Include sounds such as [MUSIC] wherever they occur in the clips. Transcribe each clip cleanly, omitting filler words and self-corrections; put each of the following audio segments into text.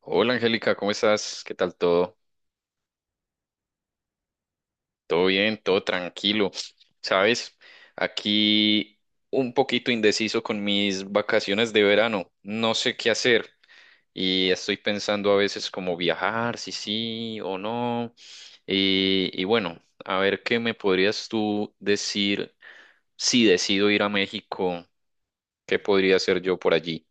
Hola Angélica, ¿cómo estás? ¿Qué tal todo? ¿Todo bien? ¿Todo tranquilo? ¿Sabes? Aquí un poquito indeciso con mis vacaciones de verano. No sé qué hacer y estoy pensando a veces como viajar, si sí o no. Y bueno, a ver qué me podrías tú decir si decido ir a México, ¿qué podría hacer yo por allí?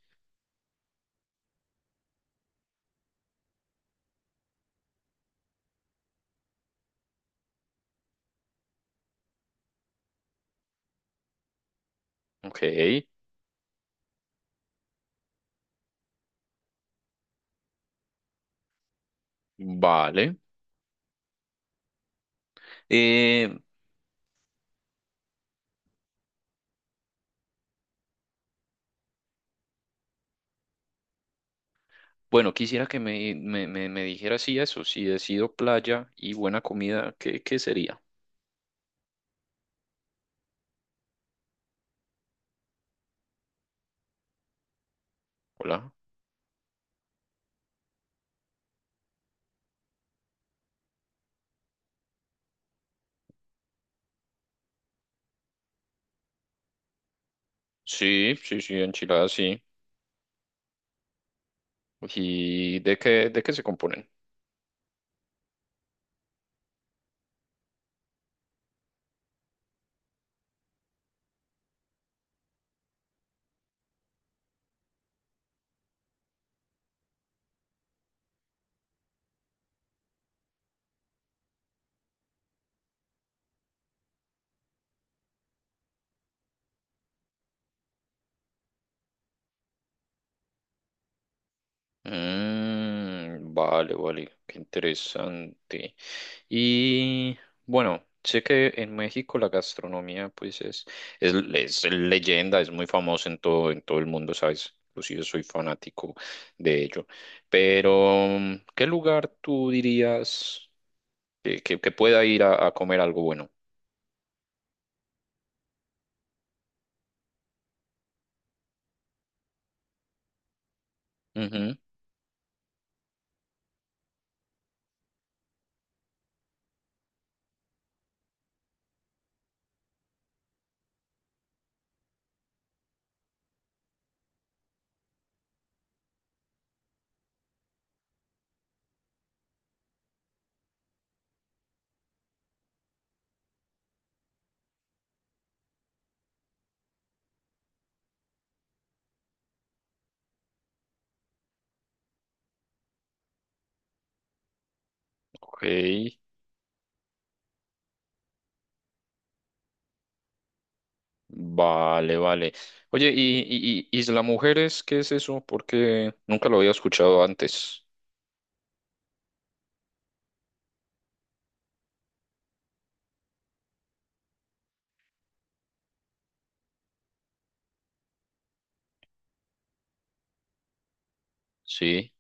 Ok, vale. Eh, Bueno, quisiera que me dijeras si eso, si decido playa y buena comida, ¿qué sería? Hola. Sí, sí, sí, enchiladas, sí. ¿Y de qué se componen? Mm, vale, vale, qué interesante. Y bueno, sé que en México la gastronomía pues es, es leyenda, es muy famosa en todo el mundo, ¿sabes? Inclusive soy fanático de ello. Pero ¿qué lugar tú dirías que pueda ir a comer algo bueno? Ujú. Ok, vale, vale. Oye, ¿y Isla Mujeres qué es eso? Porque nunca lo había escuchado antes. Sí.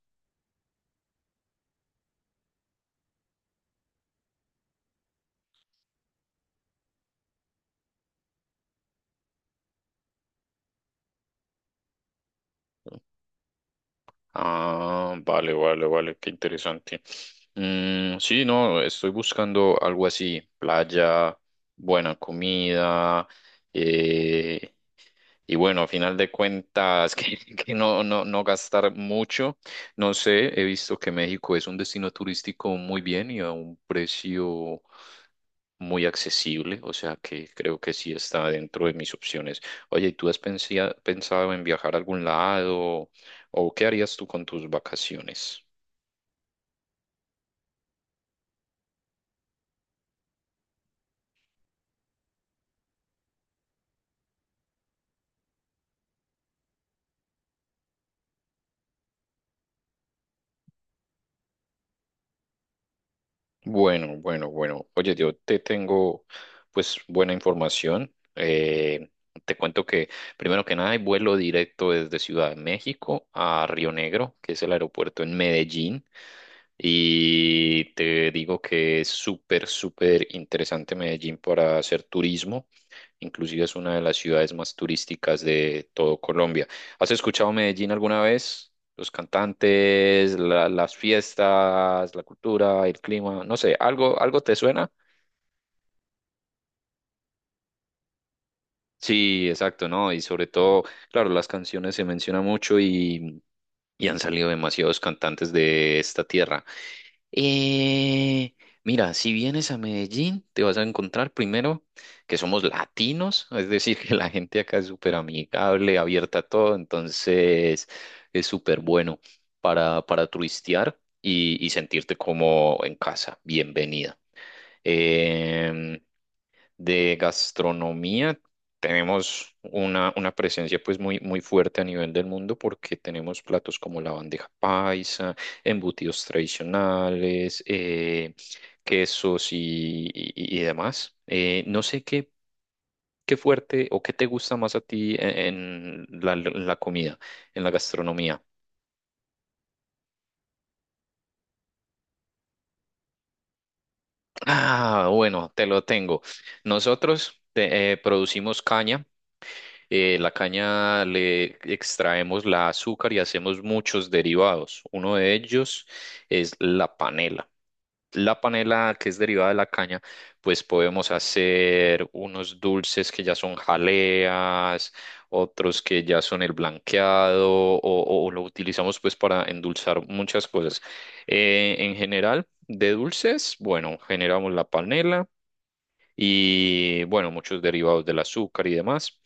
Ah, vale, vale, vale, qué interesante. Mm, sí, no, estoy buscando algo así, playa, buena comida. eh, Y bueno, a final de cuentas, [LAUGHS] que no gastar mucho. No sé, he visto que México es un destino turístico muy bien y a un precio muy accesible, o sea que creo que sí está dentro de mis opciones. Oye, ¿y tú has pensado en viajar a algún lado o qué harías tú con tus vacaciones? Bueno, bueno, bueno. Oye, yo te tengo pues buena información. Te cuento que primero que nada hay vuelo directo desde Ciudad de México a Río Negro, que es el aeropuerto en Medellín. Y te digo que es súper, súper interesante Medellín para hacer turismo. Inclusive es una de las ciudades más turísticas de todo Colombia. ¿Has escuchado Medellín alguna vez? Los cantantes, las fiestas, la cultura, el clima, no sé, ¿algo te suena? Sí, exacto, ¿no? Y sobre todo, claro, las canciones se mencionan mucho y han salido demasiados cantantes de esta tierra. Eh, Mira, si vienes a Medellín, te vas a encontrar primero que somos latinos, es decir, que la gente acá es súper amigable, abierta a todo. Entonces es súper bueno para turistear y sentirte como en casa, bienvenida. Em, de gastronomía tenemos una presencia pues muy, muy fuerte a nivel del mundo, porque tenemos platos como la bandeja paisa, embutidos tradicionales, quesos y demás. No sé qué fuerte o qué te gusta más a ti en la comida, en la gastronomía. Ah, bueno, te lo tengo. Nosotros producimos caña. La caña le extraemos la azúcar y hacemos muchos derivados. Uno de ellos es la panela. La panela, que es derivada de la caña, pues podemos hacer unos dulces que ya son jaleas, otros que ya son el blanqueado, o lo utilizamos pues para endulzar muchas cosas. En general, de dulces, bueno, generamos la panela y bueno, muchos derivados del azúcar y demás.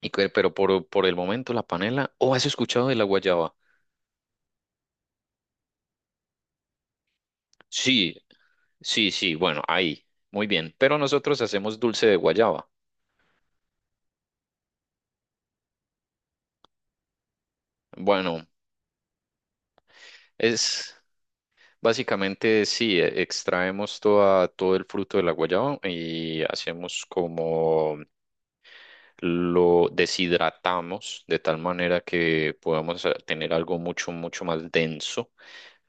Pero por el momento la panela. ¿O has escuchado de la guayaba? Sí, sí, sí. Bueno, ahí. Muy bien. Pero nosotros hacemos dulce de guayaba. Bueno, es básicamente sí, extraemos toda, todo el fruto de la guayaba y hacemos como lo deshidratamos, de tal manera que podamos tener algo mucho, mucho más denso,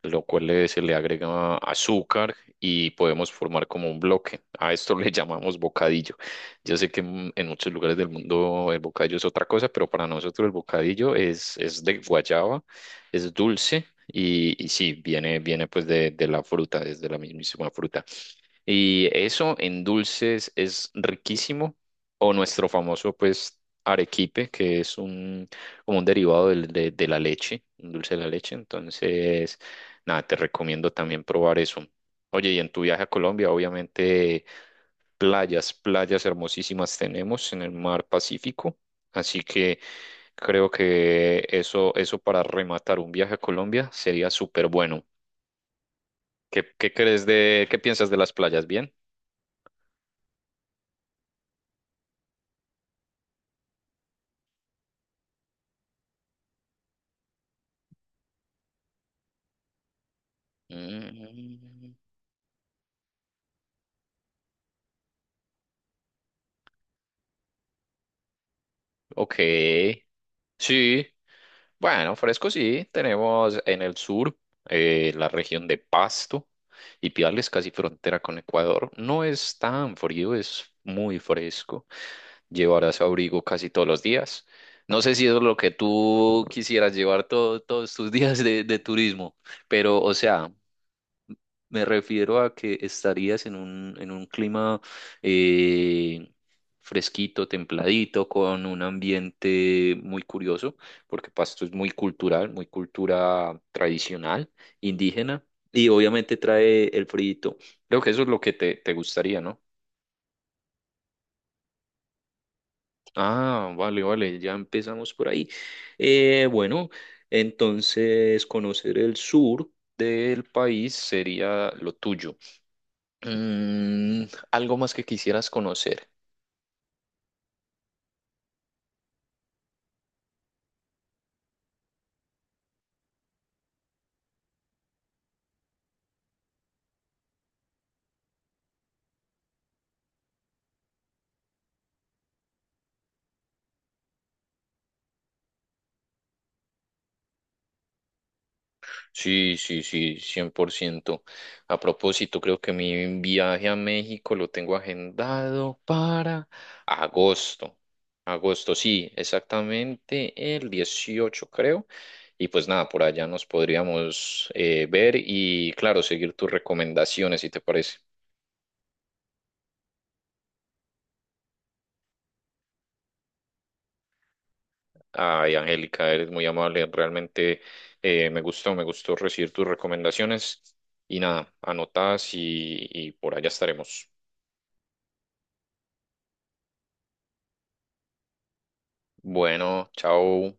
lo cual se le agrega azúcar y podemos formar como un bloque. A esto [LAUGHS] le llamamos bocadillo. Yo sé que en muchos lugares del mundo el bocadillo es otra cosa, pero para nosotros el bocadillo es de guayaba, es dulce y sí, viene pues de la fruta, es de la mismísima fruta. Y eso en dulces es riquísimo. O nuestro famoso, pues, arequipe, que es como un derivado de la leche, un dulce de la leche. Entonces, nada, te recomiendo también probar eso. Oye, y en tu viaje a Colombia, obviamente, playas hermosísimas tenemos en el mar Pacífico. Así que creo que eso para rematar un viaje a Colombia sería súper bueno. Qué piensas de las playas? ¿Bien? Mm, ok, sí. Bueno, fresco sí. Tenemos en el sur, la región de Pasto y Piales, casi frontera con Ecuador. No es tan frío, es muy fresco. Llevarás abrigo casi todos los días. No sé si es lo que tú quisieras llevar todos tus [LAUGHS] días de turismo, pero o sea, me refiero a que estarías en un clima eh, fresquito, templadito, con un ambiente muy curioso, porque Pasto es muy cultural, muy cultura tradicional, indígena, y obviamente trae el frito. Creo que eso es lo que te gustaría, ¿no? Ah, vale, vale, ya empezamos por ahí. Bueno, entonces conocer el sur del país sería lo tuyo. Mm, algo más que quisieras conocer. Sí, sí, sí, 100%. A propósito, creo que mi viaje a México lo tengo agendado para agosto. Agosto, sí, exactamente el 18, creo. Y pues nada, por allá nos podríamos ver y, claro, seguir tus recomendaciones, si te parece. Ay, Angélica, eres muy amable. Realmente me gustó recibir tus recomendaciones. Y nada, anotadas y por allá estaremos. Bueno, chao.